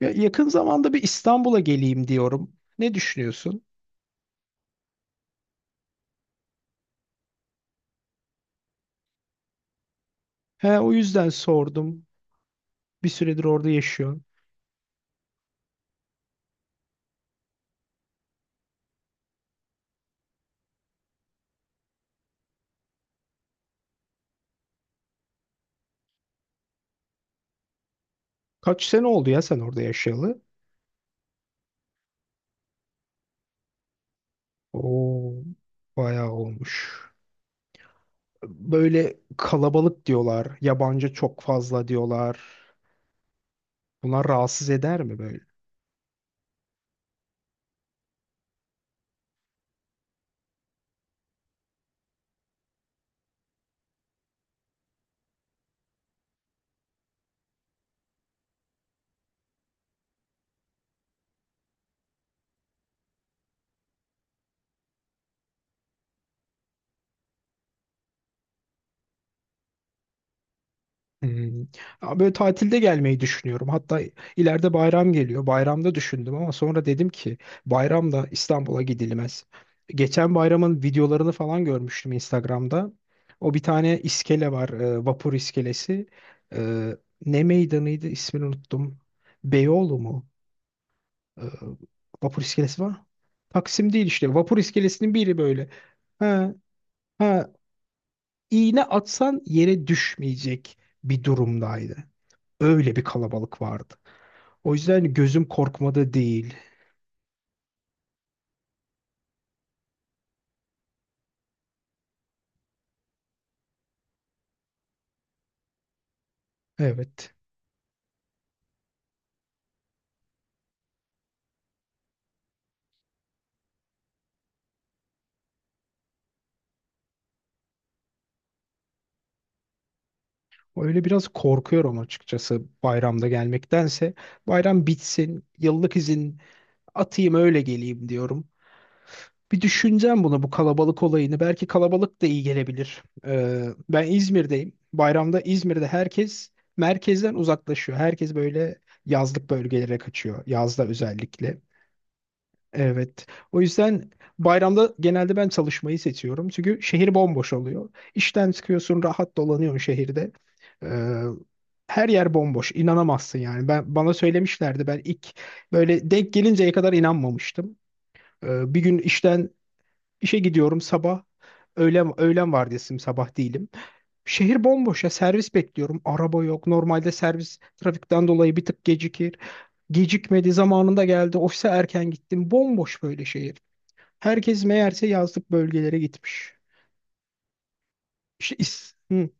Ya yakın zamanda bir İstanbul'a geleyim diyorum. Ne düşünüyorsun? He, o yüzden sordum. Bir süredir orada yaşıyorsun. Kaç sene oldu ya sen orada yaşayalı? Oo, bayağı olmuş. Böyle kalabalık diyorlar. Yabancı çok fazla diyorlar. Bunlar rahatsız eder mi böyle? Hmm. Ama böyle tatilde gelmeyi düşünüyorum. Hatta ileride bayram geliyor. Bayramda düşündüm ama sonra dedim ki bayramda İstanbul'a gidilmez. Geçen bayramın videolarını falan görmüştüm Instagram'da. O bir tane iskele var, vapur iskelesi. E, Ne meydanıydı, ismini unuttum. Beyoğlu mu? E, Vapur iskelesi var. Taksim değil işte. Vapur iskelesinin biri böyle. Ha, ha, iğne atsan yere düşmeyecek bir durumdaydı. Öyle bir kalabalık vardı. O yüzden gözüm korkmada değil. Evet. Öyle biraz korkuyorum açıkçası bayramda gelmektense. Bayram bitsin, yıllık izin atayım öyle geleyim diyorum. Bir düşüneceğim bunu, bu kalabalık olayını. Belki kalabalık da iyi gelebilir. Ben İzmir'deyim. Bayramda İzmir'de herkes merkezden uzaklaşıyor. Herkes böyle yazlık bölgelere kaçıyor. Yazda özellikle. Evet. O yüzden bayramda genelde ben çalışmayı seçiyorum. Çünkü şehir bomboş oluyor. İşten çıkıyorsun, rahat dolanıyorsun şehirde. Ee, Her yer bomboş. İnanamazsın yani. Ben bana söylemişlerdi. Ben ilk böyle denk gelinceye kadar inanmamıştım. Bir gün işe gidiyorum sabah. Öğlen vardiyasıyım, sabah değilim. Şehir bomboş ya, servis bekliyorum. Araba yok. Normalde servis trafikten dolayı bir tık gecikir. Gecikmedi, zamanında geldi. Ofise erken gittim. Bomboş böyle şehir. Herkes meğerse yazlık bölgelere gitmiş. İşte hı.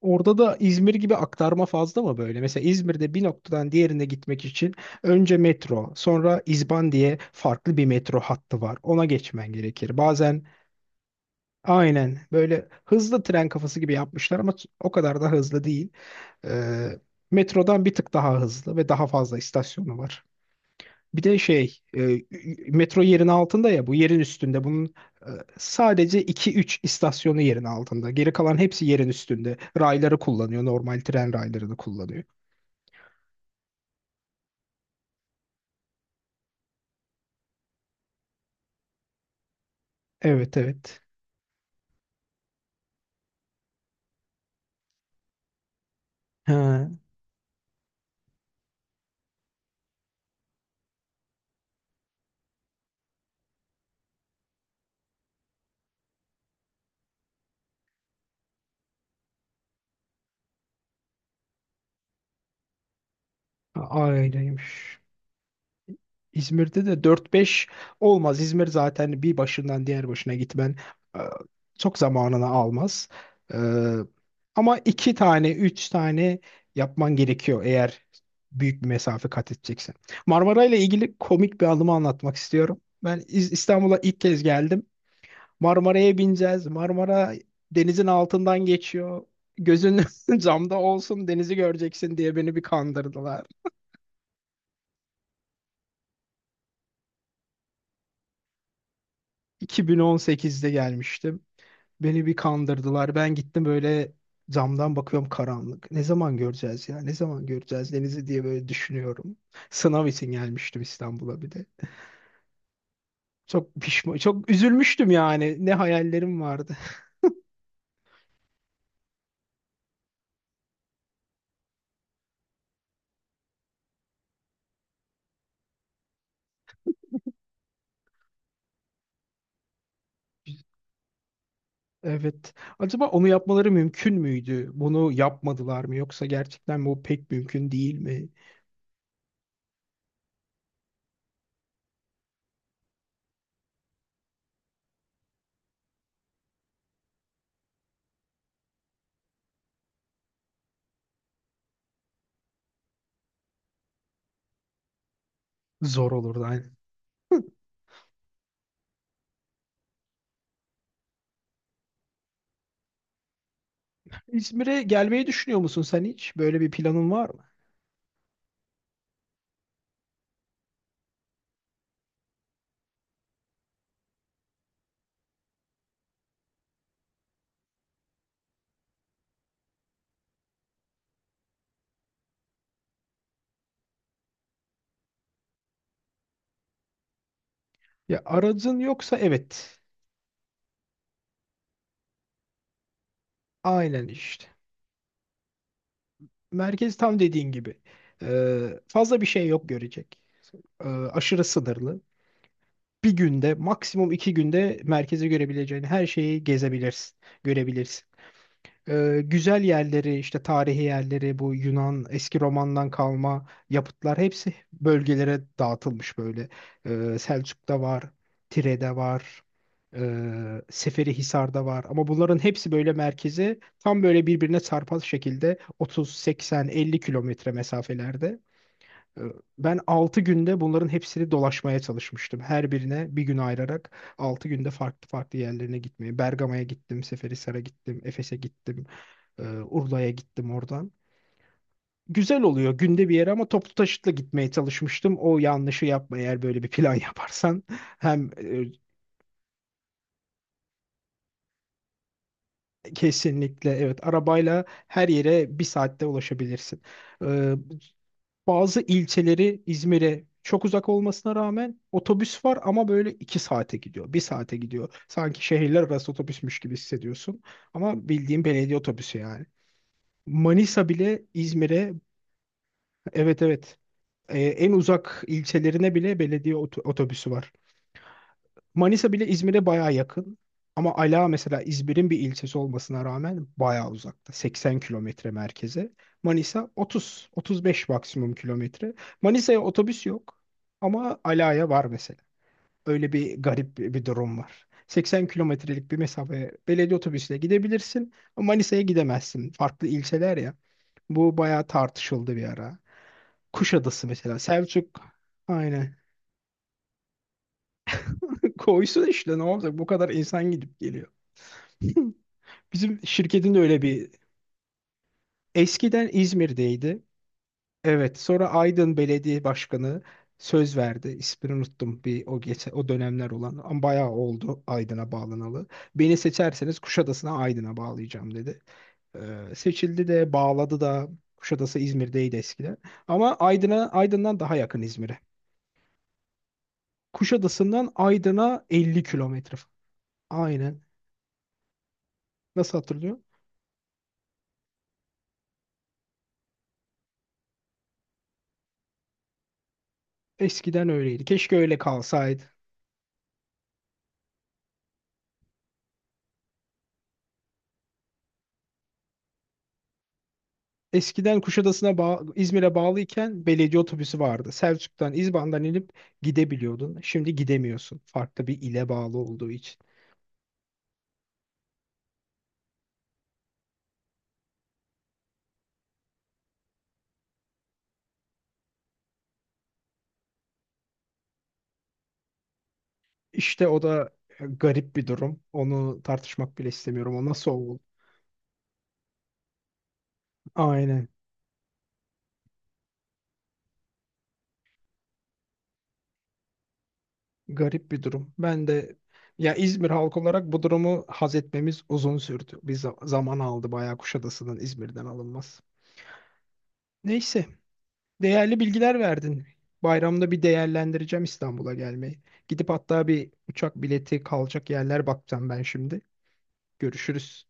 Orada da İzmir gibi aktarma fazla mı böyle? Mesela İzmir'de bir noktadan diğerine gitmek için önce metro, sonra İzban diye farklı bir metro hattı var. Ona geçmen gerekir. Bazen aynen böyle hızlı tren kafası gibi yapmışlar ama o kadar da hızlı değil. Ee, Metrodan bir tık daha hızlı ve daha fazla istasyonu var. Bir de şey, metro yerin altında ya, bu yerin üstünde. Bunun e, sadece iki üç istasyonu yerin altında. Geri kalan hepsi yerin üstünde. Rayları kullanıyor, normal tren raylarını kullanıyor. Evet, evet. Ha, ayrıymış. İzmir'de de dört beş olmaz. İzmir zaten bir başından diğer başına gitmen e, çok zamanını almaz. E, Ama 2 tane, 3 tane yapman gerekiyor, eğer büyük bir mesafe kat edeceksin. Marmara ile ilgili komik bir anımı anlatmak istiyorum. Ben İstanbul'a ilk kez geldim. Marmara'ya bineceğiz. Marmara denizin altından geçiyor. Gözün camda olsun, denizi göreceksin diye beni bir kandırdılar. 2018'de gelmiştim. Beni bir kandırdılar. Ben gittim, böyle camdan bakıyorum, karanlık. Ne zaman göreceğiz ya? Ne zaman göreceğiz denizi diye böyle düşünüyorum. Sınav için gelmiştim İstanbul'a bir de. Çok pişman, çok üzülmüştüm yani. Ne hayallerim vardı. Evet. Acaba onu yapmaları mümkün müydü? Bunu yapmadılar mı? Yoksa gerçekten bu pek mümkün değil mi? Zor olurdu aynen. İzmir'e gelmeyi düşünüyor musun sen hiç? Böyle bir planın var mı? Ya aracın yoksa evet. Aynen işte. Merkez tam dediğin gibi. Fazla bir şey yok görecek. Aşırı sınırlı. Bir günde, maksimum iki günde merkezi görebileceğin her şeyi gezebilirsin, görebilirsin. Güzel yerleri, işte tarihi yerleri, bu Yunan eski Roman'dan kalma yapıtlar hepsi bölgelere dağıtılmış böyle. Selçuk'ta var, Tire'de var, Seferihisar'da var ama bunların hepsi böyle merkeze tam böyle birbirine çarpaz şekilde 30, 80, 50 kilometre mesafelerde. Ee, Ben 6 günde bunların hepsini dolaşmaya çalışmıştım. Her birine bir gün ayırarak 6 günde farklı farklı yerlerine gitmeye. Bergama'ya gittim, Seferihisar'a gittim, Efes'e gittim. Ee, Urla'ya gittim oradan. Güzel oluyor günde bir yere ama toplu taşıtla gitmeye çalışmıştım. O yanlışı yapma, eğer böyle bir plan yaparsan. Hem kesinlikle evet, arabayla her yere bir saatte ulaşabilirsin. Ee, Bazı ilçeleri İzmir'e çok uzak olmasına rağmen otobüs var ama böyle 2 saate gidiyor, bir saate gidiyor. Sanki şehirler arası otobüsmüş gibi hissediyorsun. Ama bildiğin belediye otobüsü yani. Manisa bile İzmir'e. Evet, evet. En uzak ilçelerine bile belediye otobüsü var. Manisa bile İzmir'e bayağı yakın. Ama Ala mesela İzmir'in bir ilçesi olmasına rağmen bayağı uzakta. 80 kilometre merkeze. Manisa 30, 35 maksimum kilometre. Manisa'ya otobüs yok ama Ala'ya var mesela. Öyle bir garip bir durum var. 80 kilometrelik bir mesafe belediye otobüsüyle gidebilirsin ama Manisa'ya gidemezsin. Farklı ilçeler ya. Bu bayağı tartışıldı bir ara. Kuşadası mesela. Selçuk, aynen. Koysun, işte ne olacak? Bu kadar insan gidip geliyor. Bizim şirketin de öyle bir eskiden İzmir'deydi. Evet, sonra Aydın Belediye Başkanı söz verdi. İsmini unuttum, bir o geçen o dönemler olan ama bayağı oldu Aydın'a bağlanalı. Beni seçerseniz Kuşadası'na, Aydın'a bağlayacağım dedi. Seçildi de, bağladı da. Kuşadası İzmir'deydi eskiden. Ama Aydın'a Aydın'dan daha yakın İzmir'e. Kuşadası'ndan Aydın'a 50 kilometre. Aynen. Nasıl hatırlıyor? Eskiden öyleydi. Keşke öyle kalsaydı. Eskiden Kuşadası'na İzmir'e bağlıyken belediye otobüsü vardı. Selçuk'tan, İzban'dan inip gidebiliyordun. Şimdi gidemiyorsun. Farklı bir ile bağlı olduğu için. İşte o da garip bir durum. Onu tartışmak bile istemiyorum. O nasıl oldu? Aynen. Garip bir durum. Ben de ya, İzmir halkı olarak bu durumu haz etmemiz uzun sürdü. Bir zaman aldı bayağı Kuşadası'nın İzmir'den alınması. Neyse. Değerli bilgiler verdin. Bayramda bir değerlendireceğim İstanbul'a gelmeyi. Gidip hatta bir uçak bileti, kalacak yerler bakacağım ben şimdi. Görüşürüz.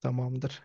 Tamamdır.